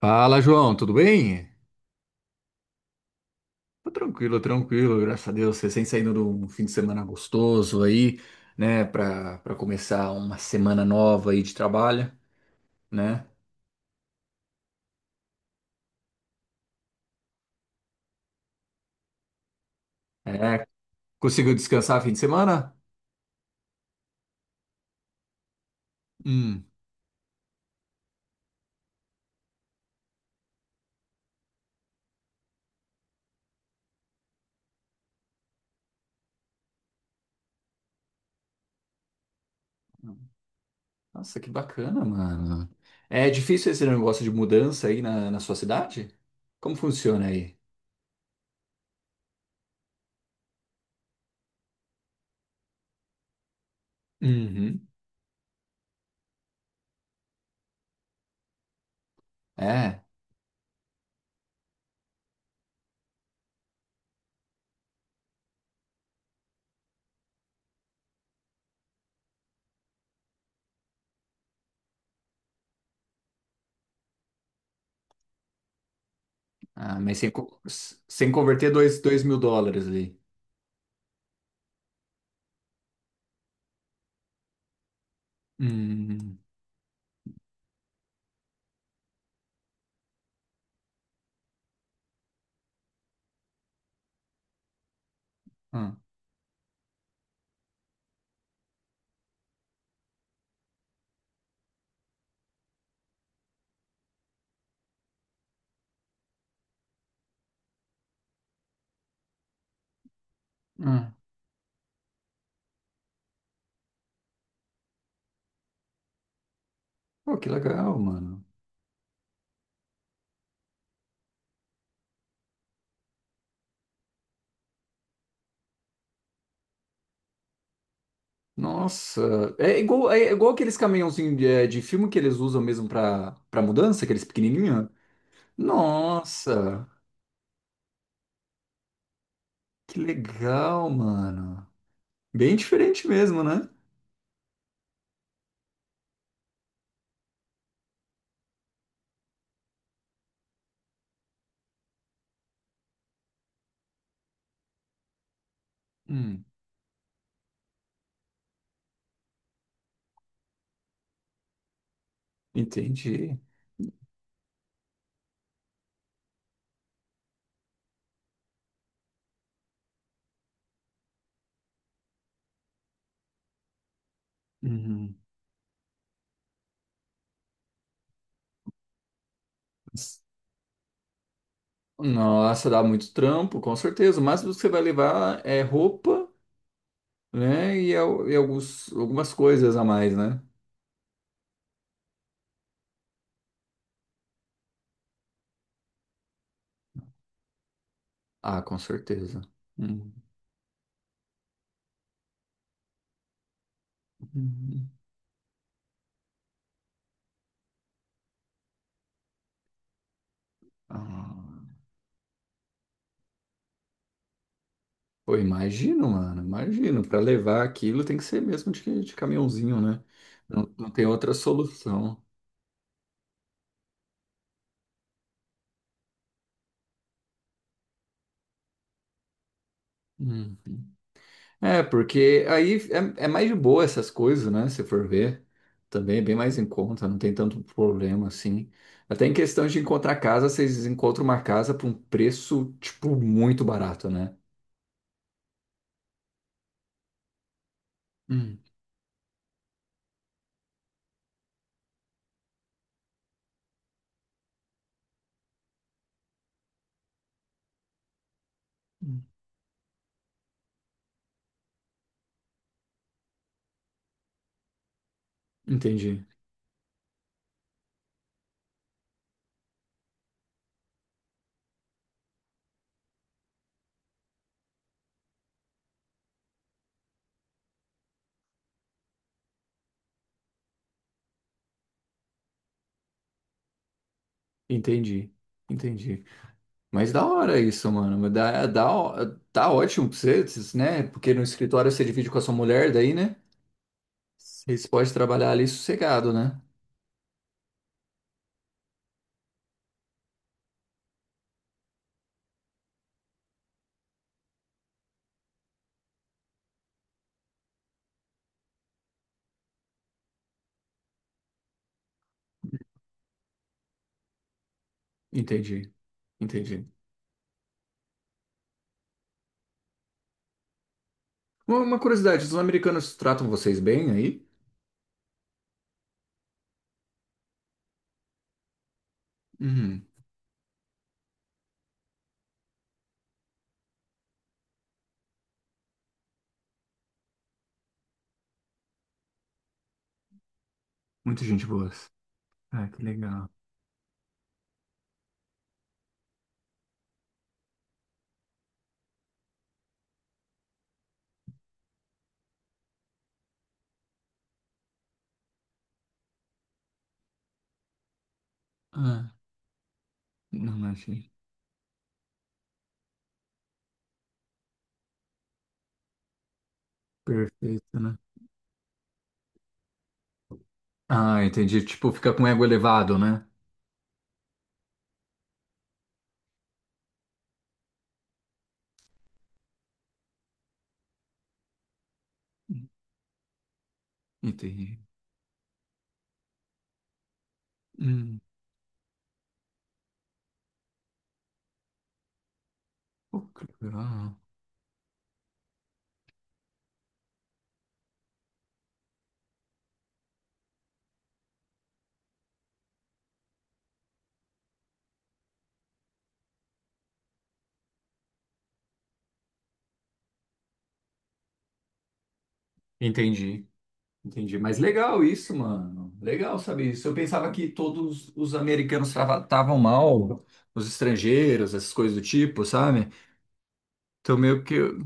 Fala, João, tudo bem? Tô tranquilo, tranquilo, graças a Deus. Recém saindo de um fim de semana gostoso aí, né, Pra para começar uma semana nova aí de trabalho, né? É, conseguiu descansar fim de semana? Hum. Nossa, que bacana, mano. É difícil esse negócio de mudança aí na sua cidade? Como funciona aí? Uhum. É, ah, mas sem converter dois mil dólares ali. Hum. Ah, ah. Pô, que legal, mano. Nossa, é igual aqueles caminhãozinhos de filme que eles usam mesmo pra mudança, aqueles pequenininhos. Nossa, que legal, mano. Bem diferente mesmo, né? Hum, entendi. Uhum. Nossa, dá muito trampo, com certeza. O máximo que você vai levar é roupa, né? E algumas coisas a mais, né? Ah, com certeza. Uhum. Uhum. Ah. Pô, imagino, mano, imagino. Para levar aquilo tem que ser mesmo de caminhãozinho, né? Não, não tem outra solução. Uhum. É, porque aí é mais de boa essas coisas, né? Se for ver, também é bem mais em conta, não tem tanto problema assim. Até em questão de encontrar casa, vocês encontram uma casa por um preço, tipo, muito barato, né? Hum. Entendi, entendi, entendi. Mas da hora isso, mano. Tá ótimo pra vocês, né? Porque no escritório você divide com a sua mulher, daí, né? Vocês podem trabalhar ali sossegado, né? Entendi, entendi. Uma curiosidade, os americanos tratam vocês bem aí? Uhum, muita gente boa. Ah, que legal. Ah, não achei. Perfeito, né? Ah, entendi. Tipo, fica com ego elevado, né? Entendi. Hum, pô, que legal. Entendi. Entendi. Mas legal isso, mano. Legal saber isso. Eu pensava que todos os americanos tratavam mal os estrangeiros, essas coisas do tipo, sabe? Então meio que.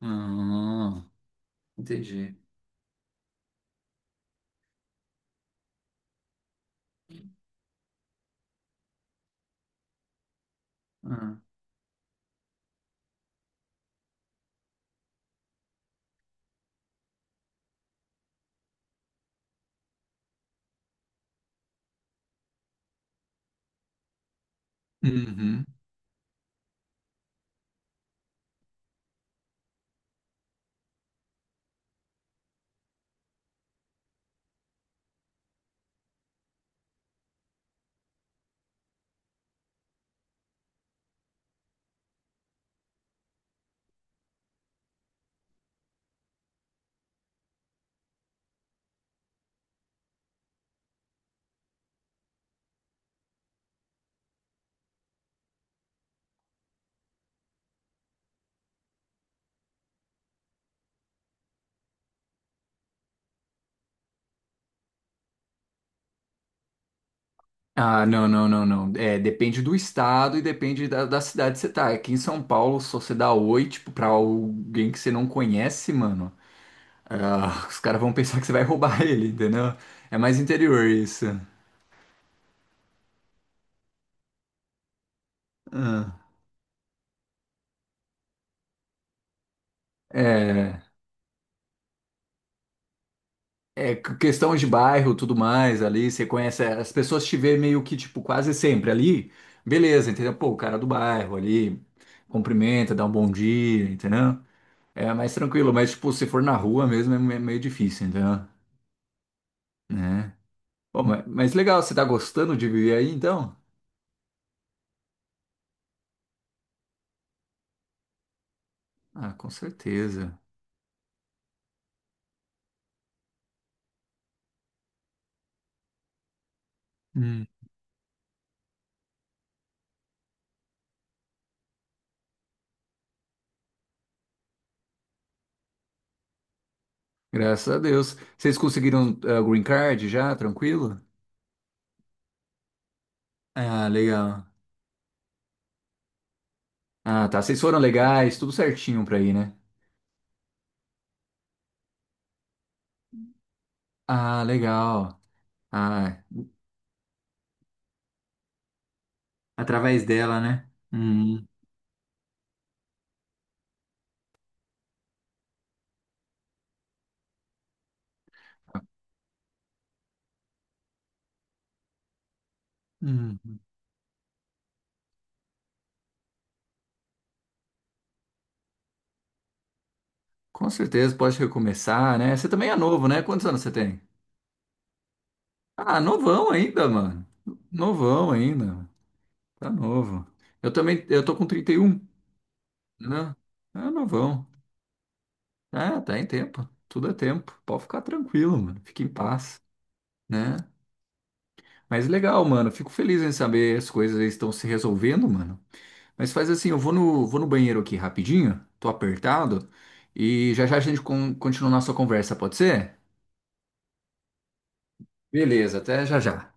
Ah, entendi. Ah. Uhum. Ah, não, não, não, não. É, depende do estado e depende da cidade que você tá. Aqui em São Paulo, se você dá oi, tipo, pra alguém que você não conhece, mano, ah, os caras vão pensar que você vai roubar ele, entendeu? É mais interior isso. Ah, É. É questão de bairro, tudo mais ali, você conhece, as pessoas te veem meio que, tipo, quase sempre ali, beleza, entendeu? Pô, o cara do bairro ali, cumprimenta, dá um bom dia, entendeu? É mais tranquilo, mas, tipo, se for na rua mesmo é meio difícil, entendeu? Né? Pô, mas, legal, você tá gostando de viver aí, então? Ah, com certeza. Hum. Graças a Deus. Vocês conseguiram green card já, tranquilo? Ah, legal. Ah, tá, vocês foram legais, tudo certinho pra ir, né? Ah, legal. Ah, através dela, né? Uhum. Uhum. Com certeza, pode recomeçar, né? Você também é novo, né? Quantos anos você tem? Ah, novão ainda, mano. Novão ainda. Tá novo. Eu também, eu tô com 31, né? Ah, novão. Ah, tá em tempo. Tudo é tempo. Pode ficar tranquilo, mano. Fique em paz, né? Mas legal, mano. Fico feliz em saber as coisas estão se resolvendo, mano. Mas faz assim, eu vou no banheiro aqui rapidinho, tô apertado, e já já a gente continua a nossa conversa, pode ser? Beleza, até já já.